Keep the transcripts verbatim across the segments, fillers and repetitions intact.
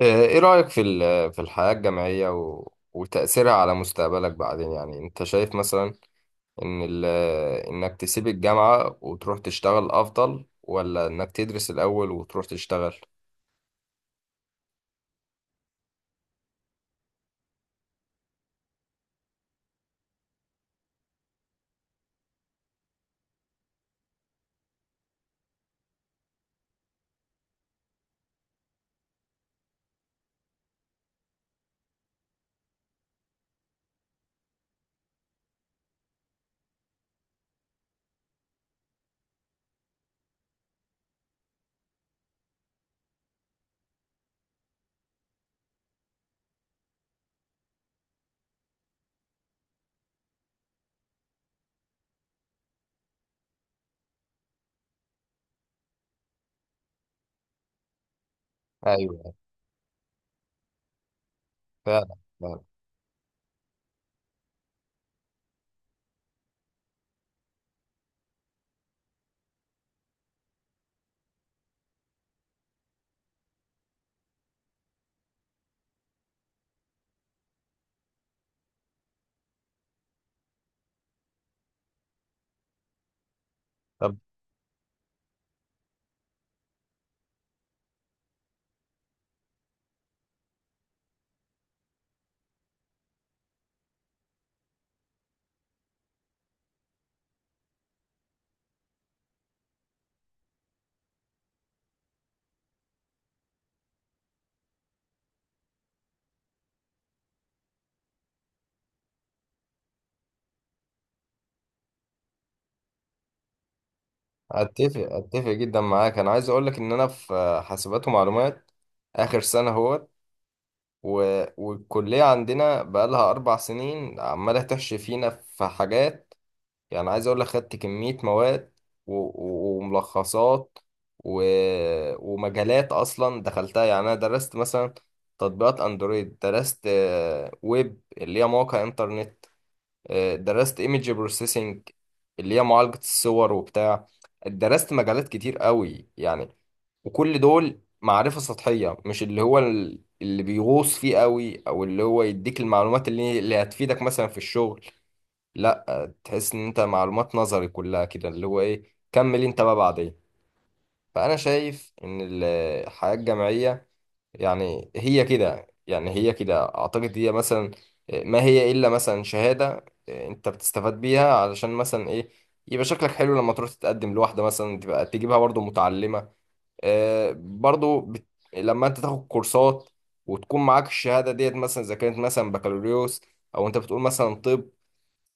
آه، ايه رأيك في ال- في الحياة الجامعية و- وتأثيرها على مستقبلك بعدين؟ يعني انت شايف مثلا ان ال- انك تسيب الجامعة وتروح تشتغل افضل، ولا انك تدرس الاول وتروح تشتغل؟ ايوه. فعلا. فعلا. طب، اتفق، اتفق جدا معاك. انا عايز اقولك ان انا في حاسبات ومعلومات، اخر سنة اهوت، و- والكلية عندنا بقالها اربع سنين عمالة تحشي فينا في حاجات. يعني عايز اقول لك، خدت كمية مواد و- و- وملخصات و... ومجالات اصلا دخلتها. يعني انا درست مثلا تطبيقات اندرويد، درست آه، ويب اللي هي مواقع انترنت، آه، درست ايمج بروسيسنج اللي هي معالجة الصور وبتاع. درست مجالات كتير قوي يعني، وكل دول معرفة سطحية، مش اللي هو ال- اللي بيغوص فيه قوي، او اللي هو يديك المعلومات اللي اللي هتفيدك مثلا في الشغل. لا، تحس ان انت معلومات نظري كلها كده، اللي هو ايه، كمل انت بقى بعدين. فانا شايف ان ال- الحياة الجامعية يعني هي كده، يعني هي كده اعتقد، هي مثلا ما هي الا مثلا شهادة، آه، انت بتستفاد بيها علشان مثلا ايه، يبقى شكلك حلو لما تروح تتقدم لواحدة مثلا، تبقى تجيبها برضو متعلمة. آه، برضو بت... لما انت تاخد كورسات وتكون معاك الشهادة ديت، مثلا اذا كانت مثلا بكالوريوس، او انت بتقول مثلا طب،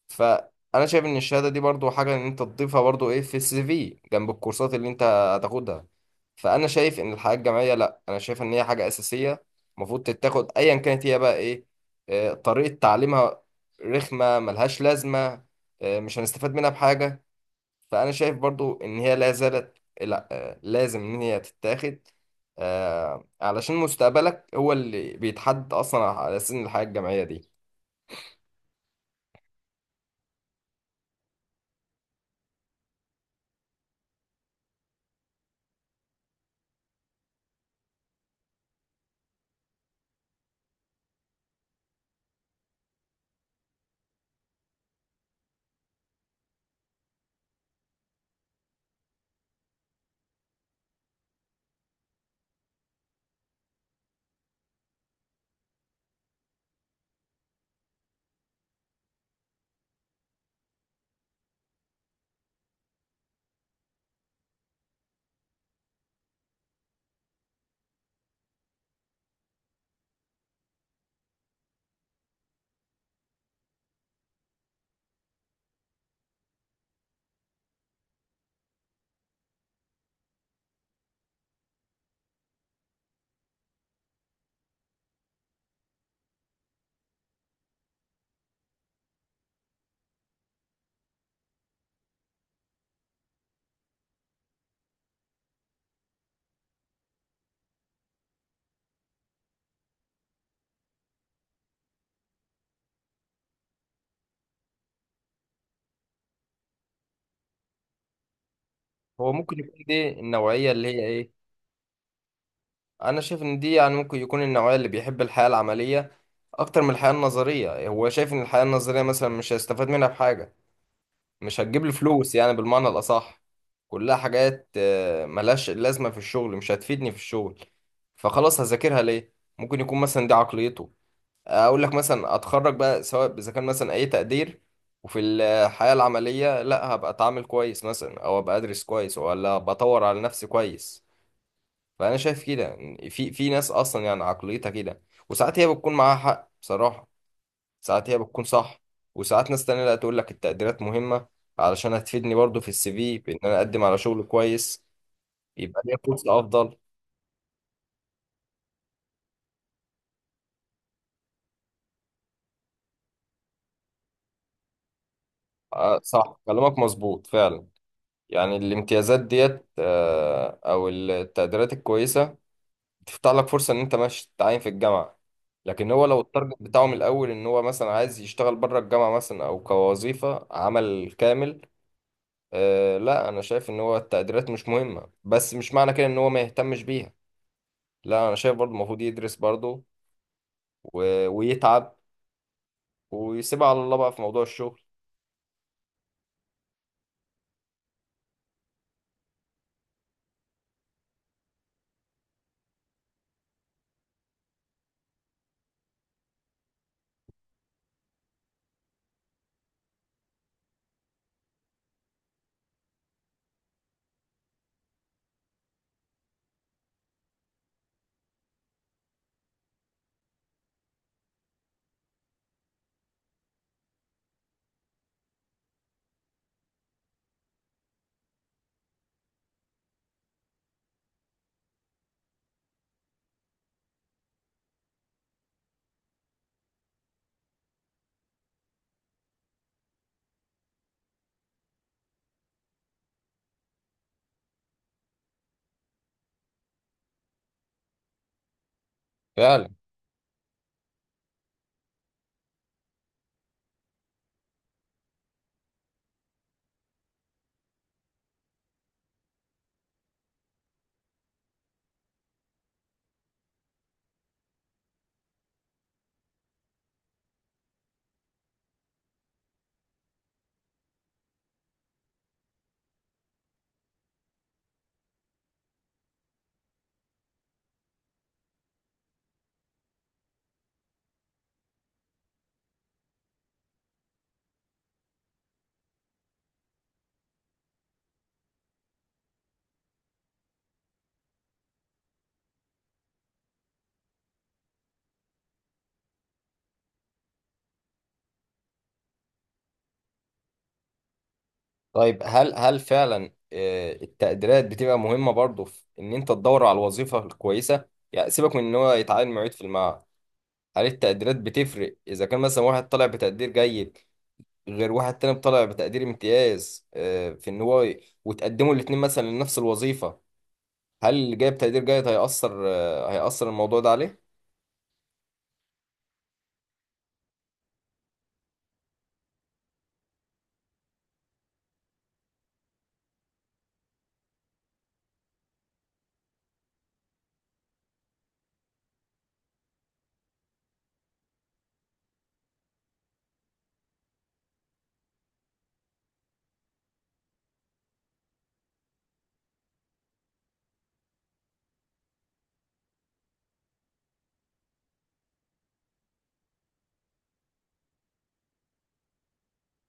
فانا شايف ان الشهاده دي برضو حاجه ان انت تضيفها برضو ايه في السي في، جنب الكورسات اللي انت هتاخدها. فانا شايف ان الحياه الجامعيه، لا انا شايف ان هي حاجه اساسيه المفروض تتاخد. ايا كانت هي بقى ايه، آه، طريقه تعليمها رخمه ملهاش لازمه، آه، مش هنستفاد منها بحاجه، فانا شايف برضو ان هي لا زالت آه، لا آه، لازم ان هي تتاخد، آه، علشان مستقبلك هو اللي بيتحدد اصلا على سن الحياه الجامعيه دي. هو ممكن يكون دي النوعيه اللي هي ايه، انا شايف ان دي يعني ممكن يكون النوعيه اللي بيحب الحياه العمليه اكتر من الحياه النظريه. هو شايف ان الحياه النظريه مثلا مش هيستفاد منها بحاجه، مش هتجيب له فلوس يعني بالمعنى الاصح، كلها حاجات آه، ملهاش لازمه في الشغل، مش هتفيدني في الشغل، فخلاص هذاكرها ليه؟ ممكن يكون مثلا دي عقليته. اقول لك مثلا، اتخرج بقى سواء اذا كان مثلا اي تقدير، وفي الحياه العمليه لا، هبقى اتعامل كويس مثلا، او ابقى ادرس كويس، ولا بطور على نفسي كويس. فانا شايف كده يعني، في في ناس اصلا يعني عقليتها كده، وساعات هي بتكون معاها حق بصراحه، ساعات هي بتكون صح. وساعات ناس تانية لا، تقول لك التقديرات مهمه علشان هتفيدني برضو في السي في، بان انا اقدم على شغل كويس، يبقى ليا فرصه افضل. آه صح، كلامك مظبوط فعلا. يعني الامتيازات ديت آه او التقديرات الكويسه بتفتح لك فرصه ان انت ماشي تتعين في الجامعه، لكن هو لو التارجت بتاعه من الاول ان هو مثلا عايز يشتغل بره الجامعه مثلا، او كوظيفه عمل كامل. أه لا، انا شايف ان هو التقديرات مش مهمه، بس مش معنى كده ان هو ما يهتمش بيها. لا انا شايف برضه المفروض يدرس برضه و... ويتعب، ويسيبها على الله بقى في موضوع الشغل. فعلا. طيب، هل هل فعلا آه، التقديرات بتبقى مهمة برضه في ان انت تدور على الوظيفة الكويسة؟ يعني سيبك من ان هو يتعين معيد في المعهد، هل التقديرات بتفرق اذا كان مثلا واحد طالع بتقدير جيد غير واحد تاني طالع بتقدير امتياز، آه، في ان هو ي- وتقدموا الاتنين مثلا لنفس الوظيفة؟ هل جايب تقدير جيد هيأثر، آه، هيأثر الموضوع ده عليه؟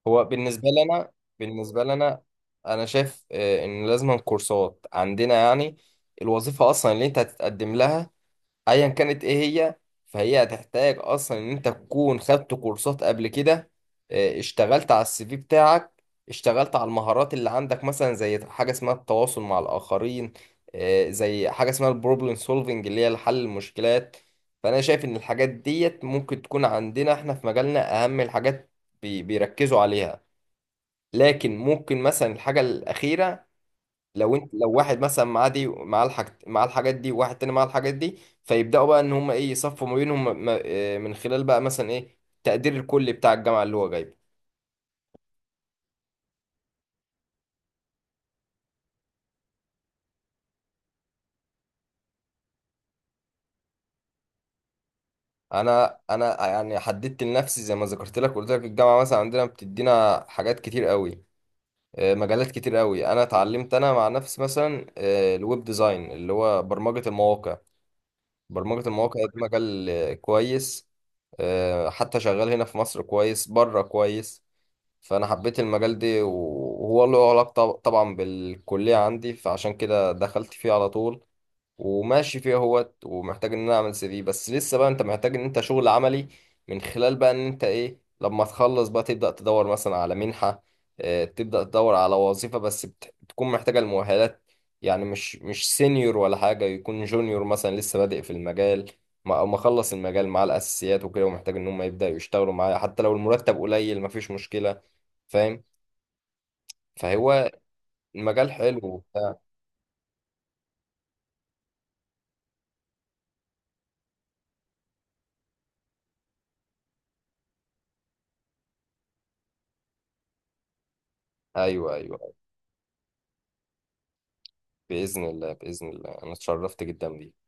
هو بالنسبة لي أنا، بالنسبة لي أنا، أنا شايف آه، إن لازم كورسات عندنا يعني. الوظيفة أصلا اللي أنت هتتقدم لها، ايا كانت ايه هي، فهي هتحتاج اصلا ان انت تكون خدت كورسات قبل كده، آه، اشتغلت على السي في بتاعك، اشتغلت على المهارات اللي عندك، مثلا زي حاجه اسمها التواصل مع الاخرين، آه، زي حاجه اسمها البروبلم سولفنج اللي هي حل المشكلات. فانا شايف ان الحاجات ديت ممكن تكون عندنا احنا في مجالنا اهم الحاجات بي- بيركزوا عليها. لكن ممكن مثلا الحاجه الاخيره، لو انت لو واحد مثلا معاه دي معاه الحاج معاه الحاجات دي، وواحد تاني معاه الحاجات دي، فيبداوا بقى ان هم ايه يصفوا ما بينهم م- م- آه، من خلال بقى مثلا ايه التقدير الكلي بتاع الجامعه اللي هو جايبه. انا انا يعني حددت لنفسي، زي ما ذكرت لك، قلت لك الجامعه مثلا عندنا بتدينا حاجات كتير قوي، آه، مجالات كتير قوي. انا اتعلمت انا مع نفسي مثلا آه، الويب ديزاين اللي هو برمجه المواقع. برمجه المواقع ده مجال آه، كويس، آه، حتى شغال هنا في مصر كويس، بره كويس. فانا حبيت المجال ده، وهو له علاقه طبعا بالكليه عندي، فعشان كده دخلت فيه على طول، وماشي فيه اهوت. ومحتاج ان انا اعمل سي في، بس لسه بقى انت محتاج ان انت شغل عملي من خلال بقى ان انت ايه، لما تخلص بقى تبدا تدور مثلا على منحه، آه، تبدا تدور على وظيفه، بس بت- بتكون محتاجه المؤهلات. يعني مش مش سينيور ولا حاجه، يكون جونيور مثلا لسه بادئ في المجال، ما- او مخلص المجال مع الاساسيات وكده، ومحتاج ان هم يبداوا يشتغلوا معايا حتى لو المرتب قليل، مفيش مشكله. فاهم. فهو المجال حلو وبتاع. ايوه، ايوه. باذن الله، باذن الله. انا اتشرفت جدا بيك.